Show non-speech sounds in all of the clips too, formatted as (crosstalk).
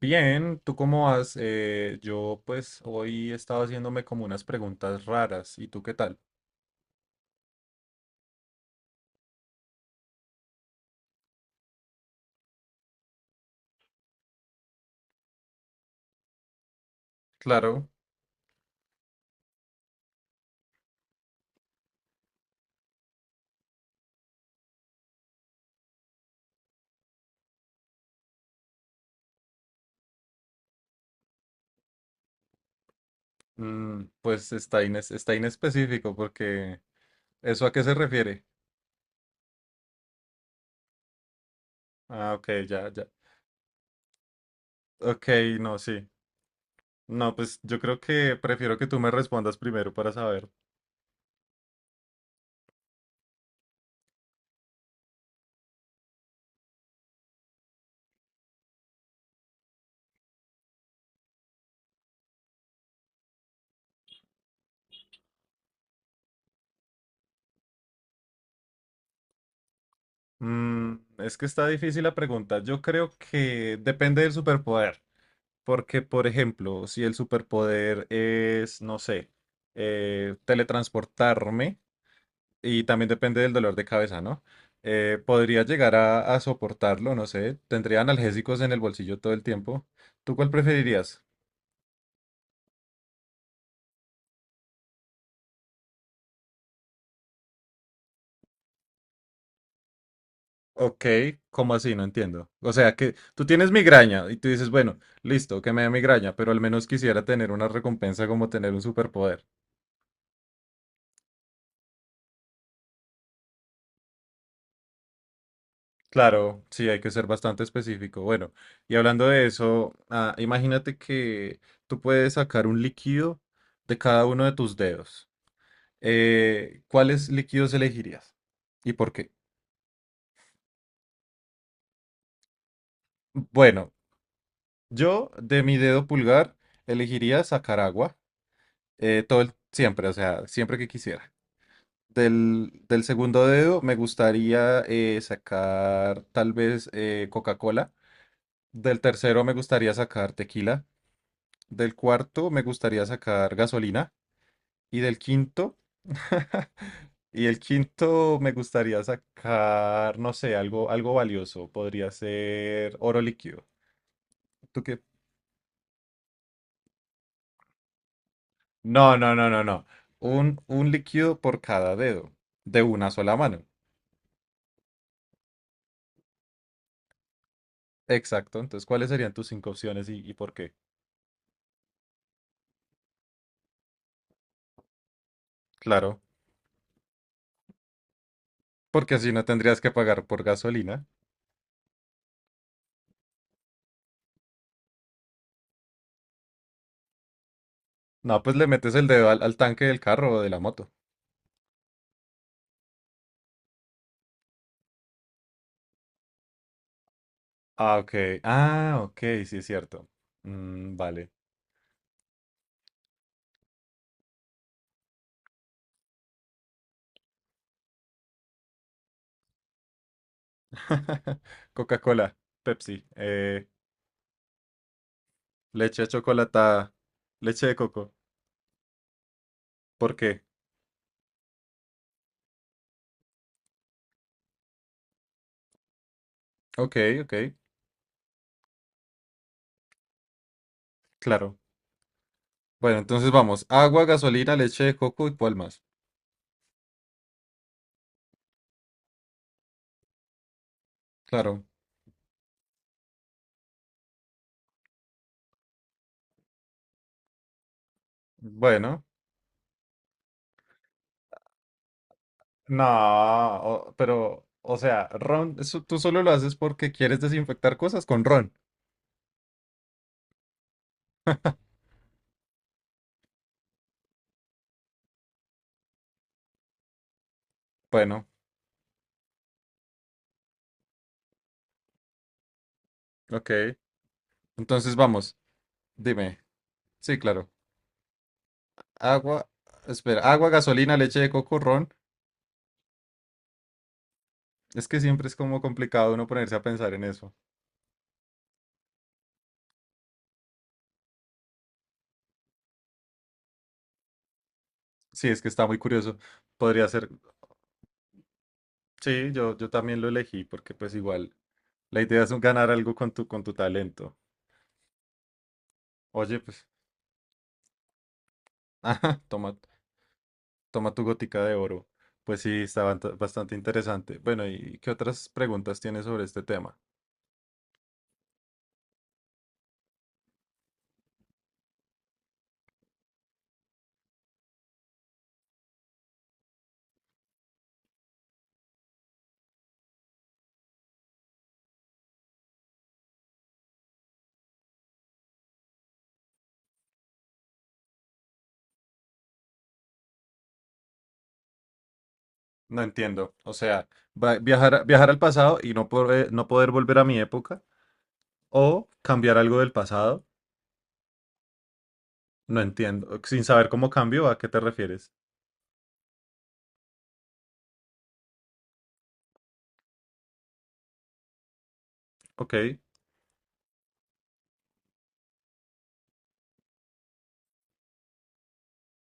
Bien, ¿tú cómo vas? Yo pues hoy he estado haciéndome como unas preguntas raras. ¿Y tú qué tal? Claro, pues está inespecífico porque ¿eso a qué se refiere? Ah, ok, ya, ya. Ok, no, sí. No, pues yo creo que prefiero que tú me respondas primero para saber. Es que está difícil la pregunta. Yo creo que depende del superpoder. Porque, por ejemplo, si el superpoder es, no sé, teletransportarme. Y también depende del dolor de cabeza, ¿no? Podría llegar a soportarlo, no sé. Tendría analgésicos en el bolsillo todo el tiempo. ¿Tú cuál preferirías? Ok, ¿cómo así? No entiendo. O sea, que tú tienes migraña y tú dices, bueno, listo, que me dé migraña, pero al menos quisiera tener una recompensa como tener un superpoder. Claro, sí, hay que ser bastante específico. Bueno, y hablando de eso, imagínate que tú puedes sacar un líquido de cada uno de tus dedos. ¿Cuáles líquidos elegirías? ¿Y por qué? Bueno, yo de mi dedo pulgar elegiría sacar agua, siempre, o sea, siempre que quisiera. Del segundo dedo me gustaría, sacar tal vez, Coca-Cola. Del tercero me gustaría sacar tequila. Del cuarto me gustaría sacar gasolina. Y del quinto, (laughs) y el quinto me gustaría sacar, no sé, algo valioso. Podría ser oro líquido. ¿Tú qué? No, no, no, no, no. Un líquido por cada dedo, de una sola mano. Exacto. Entonces, ¿cuáles serían tus cinco opciones y por qué? Claro, porque así no tendrías que pagar por gasolina. No, pues le metes el dedo al tanque del carro o de la moto. Ah, ok. Ah, ok, sí es cierto. Mm, vale. (laughs) Coca-Cola, Pepsi, leche chocolatada, leche de coco. ¿Por qué? Ok, ok, claro. Bueno, entonces vamos. Agua, gasolina, leche de coco, ¿y cuál más? Claro. Bueno. No, pero, o sea, ron, eso tú solo lo haces porque quieres desinfectar cosas con ron. Bueno, ok. Entonces vamos. Dime. Sí, claro. Agua, espera, agua, gasolina, leche de coco, ron. Es que siempre es como complicado uno ponerse a pensar en eso. Sí, es que está muy curioso. Podría ser, sí, yo también lo elegí porque pues igual la idea es ganar algo con tu talento. Oye, pues, (laughs) ajá, toma, toma tu gótica de oro. Pues sí, está bastante interesante. Bueno, ¿y qué otras preguntas tienes sobre este tema? No entiendo. O sea, viajar, viajar al pasado y no poder volver a mi época o cambiar algo del pasado. No entiendo. Sin saber cómo cambio, ¿a qué te refieres? Ok.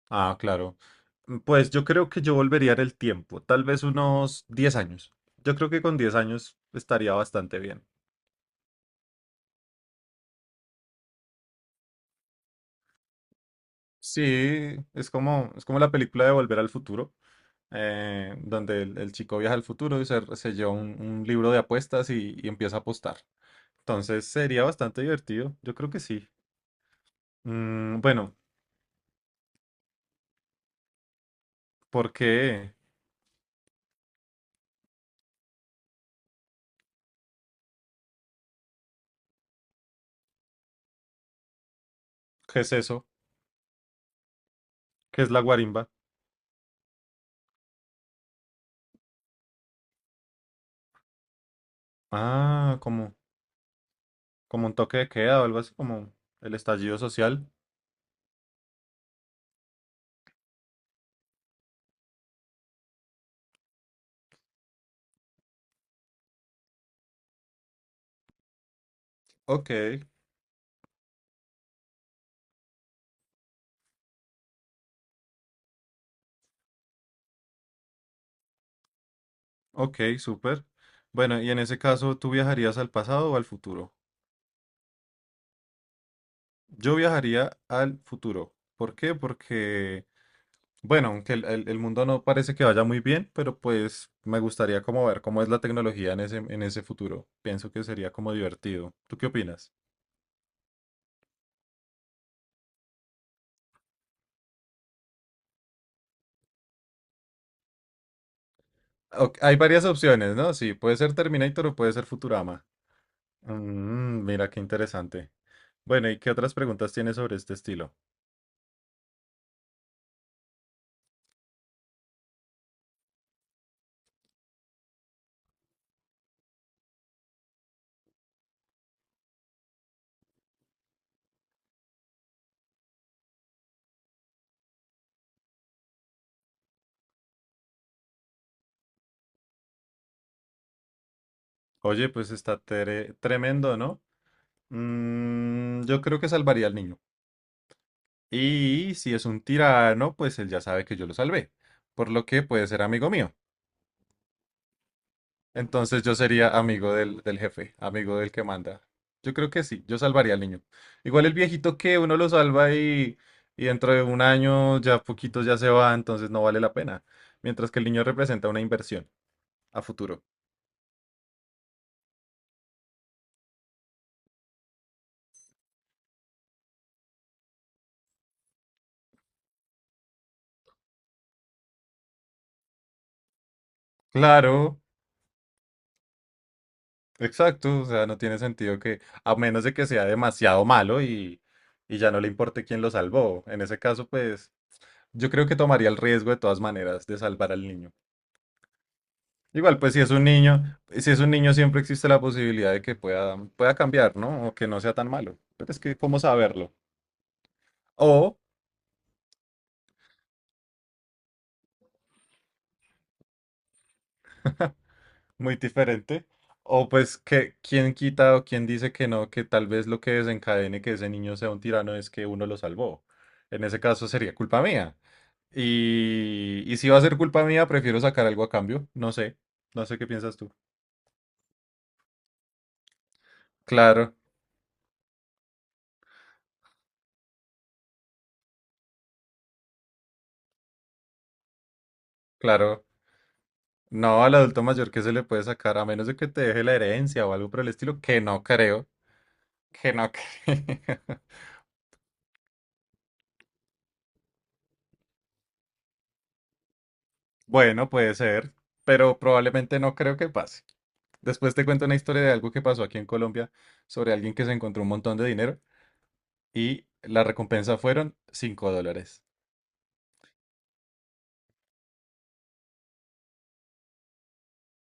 Ah, claro. Pues yo creo que yo volvería en el tiempo, tal vez unos 10 años. Yo creo que con 10 años estaría bastante bien. Sí, es como, la película de Volver al Futuro, donde el chico viaja al futuro y se lleva un libro de apuestas y empieza a apostar. Entonces sería bastante divertido, yo creo que sí. Mm, bueno, ¿por qué? ¿Qué es eso? ¿Qué es la guarimba? Ah, como un toque de queda o algo así, como el estallido social. Ok, ok, súper. Bueno, y en ese caso, ¿tú viajarías al pasado o al futuro? Yo viajaría al futuro. ¿Por qué? Porque, bueno, aunque el mundo no parece que vaya muy bien, pero pues me gustaría como ver cómo es la tecnología en ese futuro. Pienso que sería como divertido. ¿Tú qué opinas? Ok, hay varias opciones, ¿no? Sí, puede ser Terminator o puede ser Futurama. Mira, qué interesante. Bueno, ¿y qué otras preguntas tienes sobre este estilo? Oye, pues está tremendo, ¿no? Yo creo que salvaría al niño. Y si es un tirano, pues él ya sabe que yo lo salvé, por lo que puede ser amigo mío. Entonces yo sería amigo del jefe, amigo del que manda. Yo creo que sí, yo salvaría al niño. Igual el viejito que uno lo salva y dentro de un año ya poquitos ya se va, entonces no vale la pena. Mientras que el niño representa una inversión a futuro. Claro, exacto, o sea, no tiene sentido que, a menos de que sea demasiado malo y ya no le importe quién lo salvó. En ese caso, pues, yo creo que tomaría el riesgo de todas maneras de salvar al niño. Igual, pues, si es un niño, siempre existe la posibilidad de que pueda cambiar, ¿no? O que no sea tan malo. Pero es que, ¿cómo saberlo? O muy diferente. O pues que quién quita o quién dice que no, que tal vez lo que desencadene que ese niño sea un tirano es que uno lo salvó. En ese caso sería culpa mía. Y si va a ser culpa mía, prefiero sacar algo a cambio. No sé, qué piensas tú. Claro, claro. No, al adulto mayor que se le puede sacar, a menos de que te deje la herencia o algo por el estilo, que no creo, que no creo. (laughs) Bueno, puede ser, pero probablemente no creo que pase. Después te cuento una historia de algo que pasó aquí en Colombia sobre alguien que se encontró un montón de dinero y la recompensa fueron $5.